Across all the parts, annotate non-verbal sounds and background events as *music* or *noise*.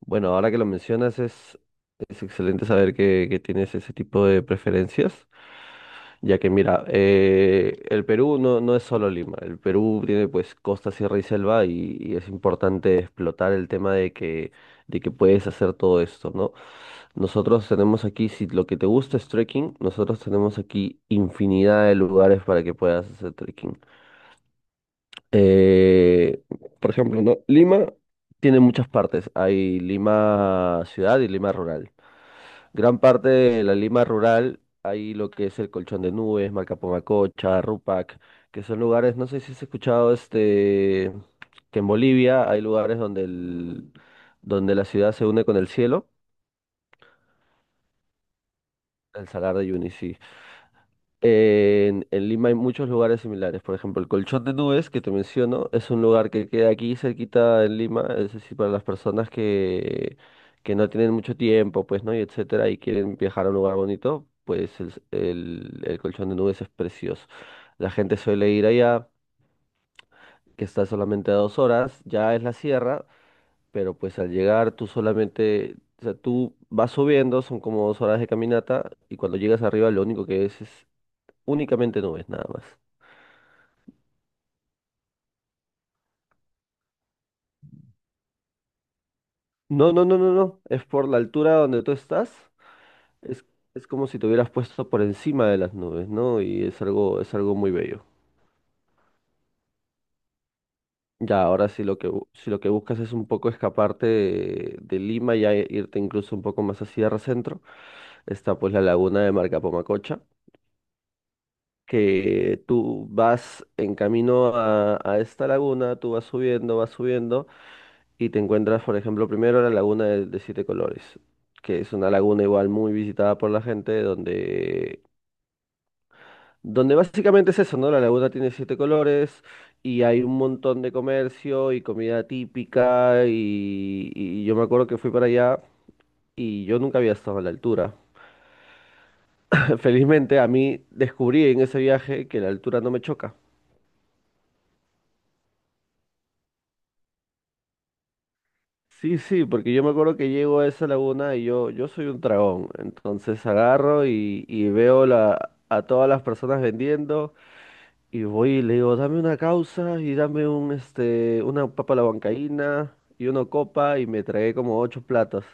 Bueno, ahora que lo mencionas es excelente saber que tienes ese tipo de preferencias, ya que mira, el Perú no es solo Lima, el Perú tiene pues costa, sierra y selva y es importante explotar el tema de que puedes hacer todo esto, ¿no? Nosotros tenemos aquí, si lo que te gusta es trekking, nosotros tenemos aquí infinidad de lugares para que puedas hacer trekking. Eh, por ejemplo, ¿no? Lima tiene muchas partes, hay Lima ciudad y Lima rural. Gran parte de la Lima rural hay lo que es el Colchón de Nubes, Malcapomacocha, Rupac, que son lugares, no sé si has escuchado este, que en Bolivia hay lugares donde la ciudad se une con el cielo, el Salar de Uyuni, sí. En Lima hay muchos lugares similares. Por ejemplo, el Colchón de Nubes, que te menciono, es un lugar que queda aquí cerquita en Lima, es decir, para las personas que no tienen mucho tiempo, pues, ¿no? Y etcétera, y quieren viajar a un lugar bonito, pues el Colchón de Nubes es precioso. La gente suele ir allá, que está solamente a 2 horas, ya es la sierra, pero pues al llegar tú solamente, o sea, tú vas subiendo, son como 2 horas de caminata, y cuando llegas arriba lo único que es únicamente nubes, nada más. No, no, no, no, no. Es por la altura donde tú estás. Es, es como si te hubieras puesto por encima de las nubes, ¿no? Y es algo muy bello. Ya, ahora sí si lo que buscas es un poco escaparte de Lima y irte incluso un poco más a Sierra Centro, está pues la laguna de Marcapamacocha, que tú vas en camino a esta laguna, tú vas subiendo y te encuentras, por ejemplo, primero la laguna de siete colores, que es una laguna igual muy visitada por la gente, donde básicamente es eso, ¿no? La laguna tiene siete colores y hay un montón de comercio y comida típica y yo me acuerdo que fui para allá y yo nunca había estado a la altura. *laughs* Felizmente a mí descubrí en ese viaje que la altura no me choca. Sí, sí, porque yo me acuerdo que llego a esa laguna y yo soy un dragón, entonces agarro y veo a todas las personas vendiendo. Y voy y le digo, dame una causa y dame una papa a la huancaína y una copa y me tragué como ocho platos.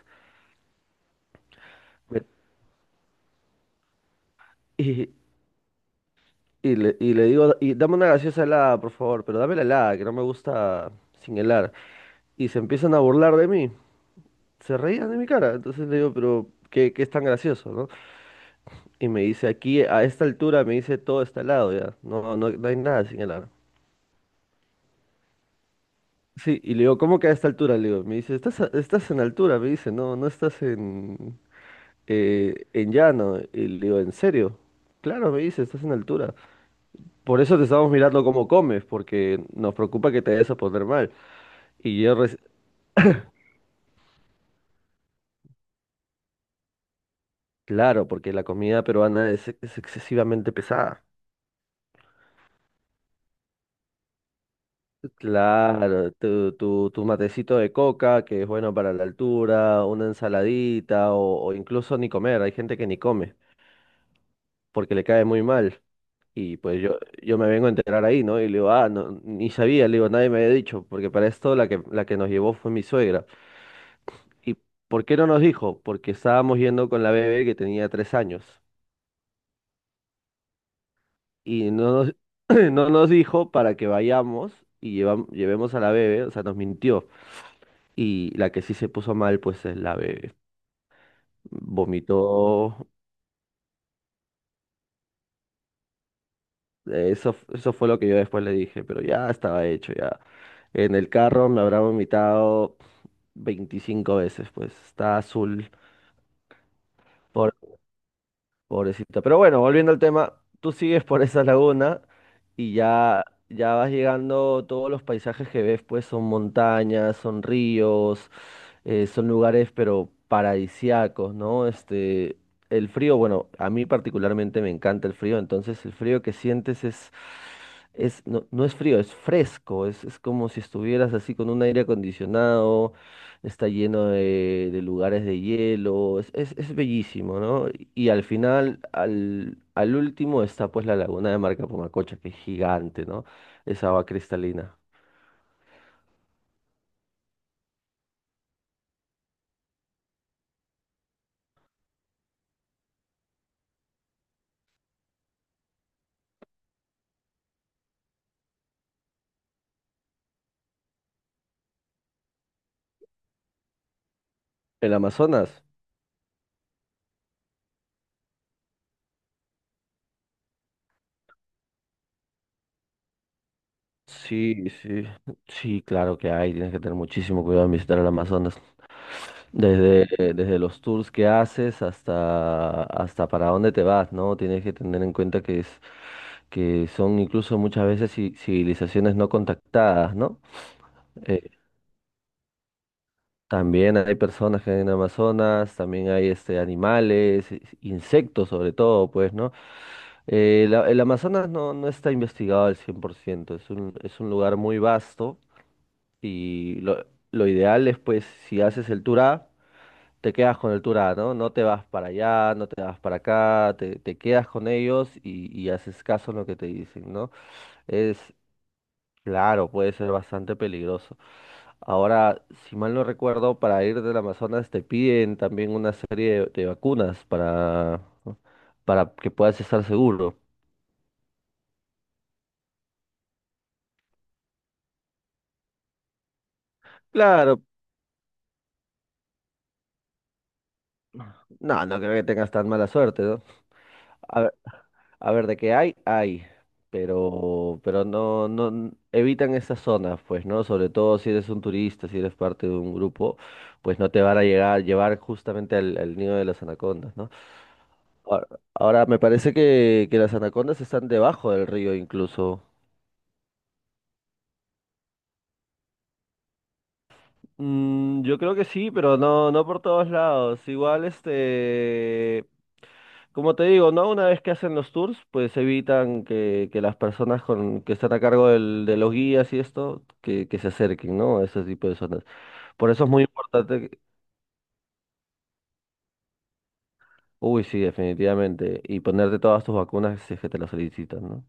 Me- *laughs* y, y le digo, y dame una gaseosa helada, por favor, pero dame la helada, que no me gusta sin helar. Y se empiezan a burlar de mí, se reían de mi cara. Entonces le digo, pero ¿qué, es tan gracioso, no? Y me dice, aquí a esta altura me dice todo está helado ya, no hay nada sin helar. Sí, y le digo, ¿cómo que a esta altura? Le digo, me dice, estás en altura? Me dice, no estás en llano. Y le digo, ¿en serio? Claro, me dice, estás en altura. Por eso te estamos mirando cómo comes, porque nos preocupa que te vayas a poner mal. Y yo, claro, porque la comida peruana es excesivamente pesada. Claro, tu matecito de coca, que es bueno para la altura, una ensaladita o incluso ni comer. Hay gente que ni come, porque le cae muy mal. Y pues yo me vengo a enterar ahí, ¿no? Y le digo, ah, no, ni sabía, le digo, nadie me había dicho, porque para esto la que nos llevó fue mi suegra. ¿Y por qué no nos dijo? Porque estábamos yendo con la bebé que tenía 3 años. Y *clears throat* no nos dijo para que vayamos y llevemos a la bebé, o sea, nos mintió. Y la que sí se puso mal, pues es la bebé. Vomitó, eso fue lo que yo después le dije, pero ya estaba hecho, ya. En el carro me habrá vomitado 25 veces, pues está azul, pobre- pobrecita. Pero bueno, volviendo al tema, tú sigues por esa laguna y ya, ya vas llegando, todos los paisajes que ves, pues son montañas, son ríos, son lugares, pero paradisíacos, ¿no? El frío, bueno, a mí particularmente me encanta el frío, entonces el frío que sientes es no, no es frío, es fresco, es como si estuvieras así con un aire acondicionado. Está lleno de lugares de hielo, es bellísimo, ¿no? Y al final, al último está pues la laguna de Marca Pumacocha, que es gigante, ¿no? Esa agua cristalina. ¿El Amazonas? Sí, sí, sí, claro que hay, tienes que tener muchísimo cuidado en visitar el Amazonas. Desde, desde los tours que haces hasta para dónde te vas, ¿no? Tienes que tener en cuenta que son incluso muchas veces civilizaciones no contactadas, ¿no? También hay personas que hay en Amazonas, también hay animales, insectos sobre todo, pues, ¿no? El Amazonas no está investigado al 100%. Es un lugar muy vasto y lo ideal es, pues, si haces el tour A, te quedas con el tour A, ¿no? No te vas para allá, no te vas para acá, te quedas con ellos y haces caso en lo que te dicen, ¿no? Claro, puede ser bastante peligroso. Ahora, si mal no recuerdo, para ir del Amazonas te piden también una serie de vacunas para que puedas estar seguro. Claro, no creo que tengas tan mala suerte, ¿no? A ver, a ver, de qué hay, hay, pero no, no n- evitan esas zonas, pues, ¿no? Sobre todo si eres un turista, si eres parte de un grupo, pues no te van a llevar justamente al nido de las anacondas, ¿no? Ahora, ahora, me parece que las anacondas están debajo del río incluso. Yo creo que sí, pero no por todos lados. Igual, como te digo, ¿no? Una vez que hacen los tours, pues evitan que las personas que están a cargo de los guías y esto, que se acerquen, ¿no? A ese tipo de zonas. Por eso es muy importante. Uy, sí, definitivamente. Y ponerte todas tus vacunas si es que te las solicitan, ¿no?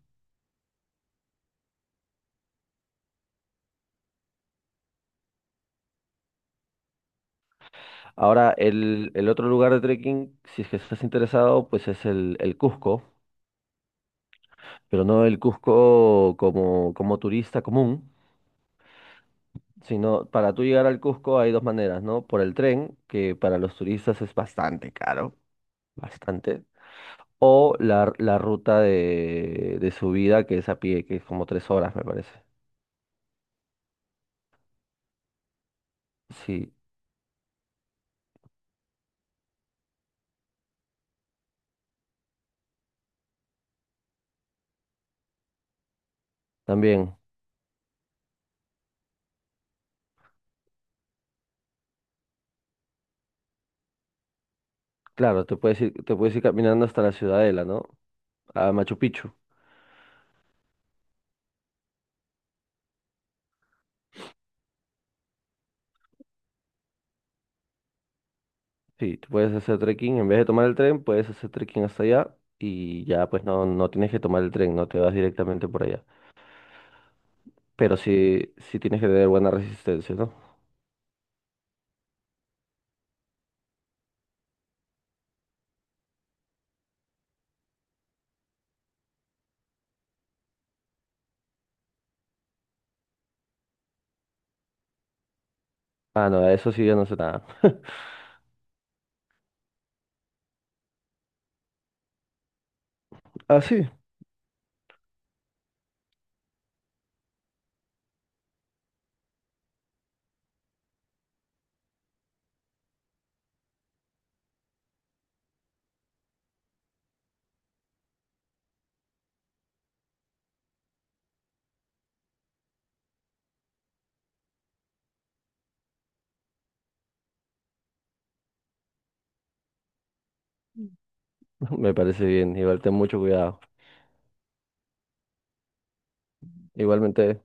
Ahora, el otro lugar de trekking, si es que estás interesado, pues es el Cusco, pero no el Cusco como, como turista común, sino para tú llegar al Cusco hay dos maneras, ¿no? Por el tren, que para los turistas es bastante caro, bastante, o la ruta de subida que es a pie, que es como 3 horas, me parece. Sí, también, claro, te puedes ir caminando hasta la Ciudadela, ¿no? A Machu Picchu. Sí, tú puedes hacer trekking, en vez de tomar el tren, puedes hacer trekking hasta allá y ya pues no tienes que tomar el tren, no te vas directamente por allá. Pero sí, sí tienes que tener buena resistencia, ¿no? Ah, no, a eso sí ya no sé nada. *laughs* Ah, sí, me parece bien. Igual ten mucho cuidado. Igualmente.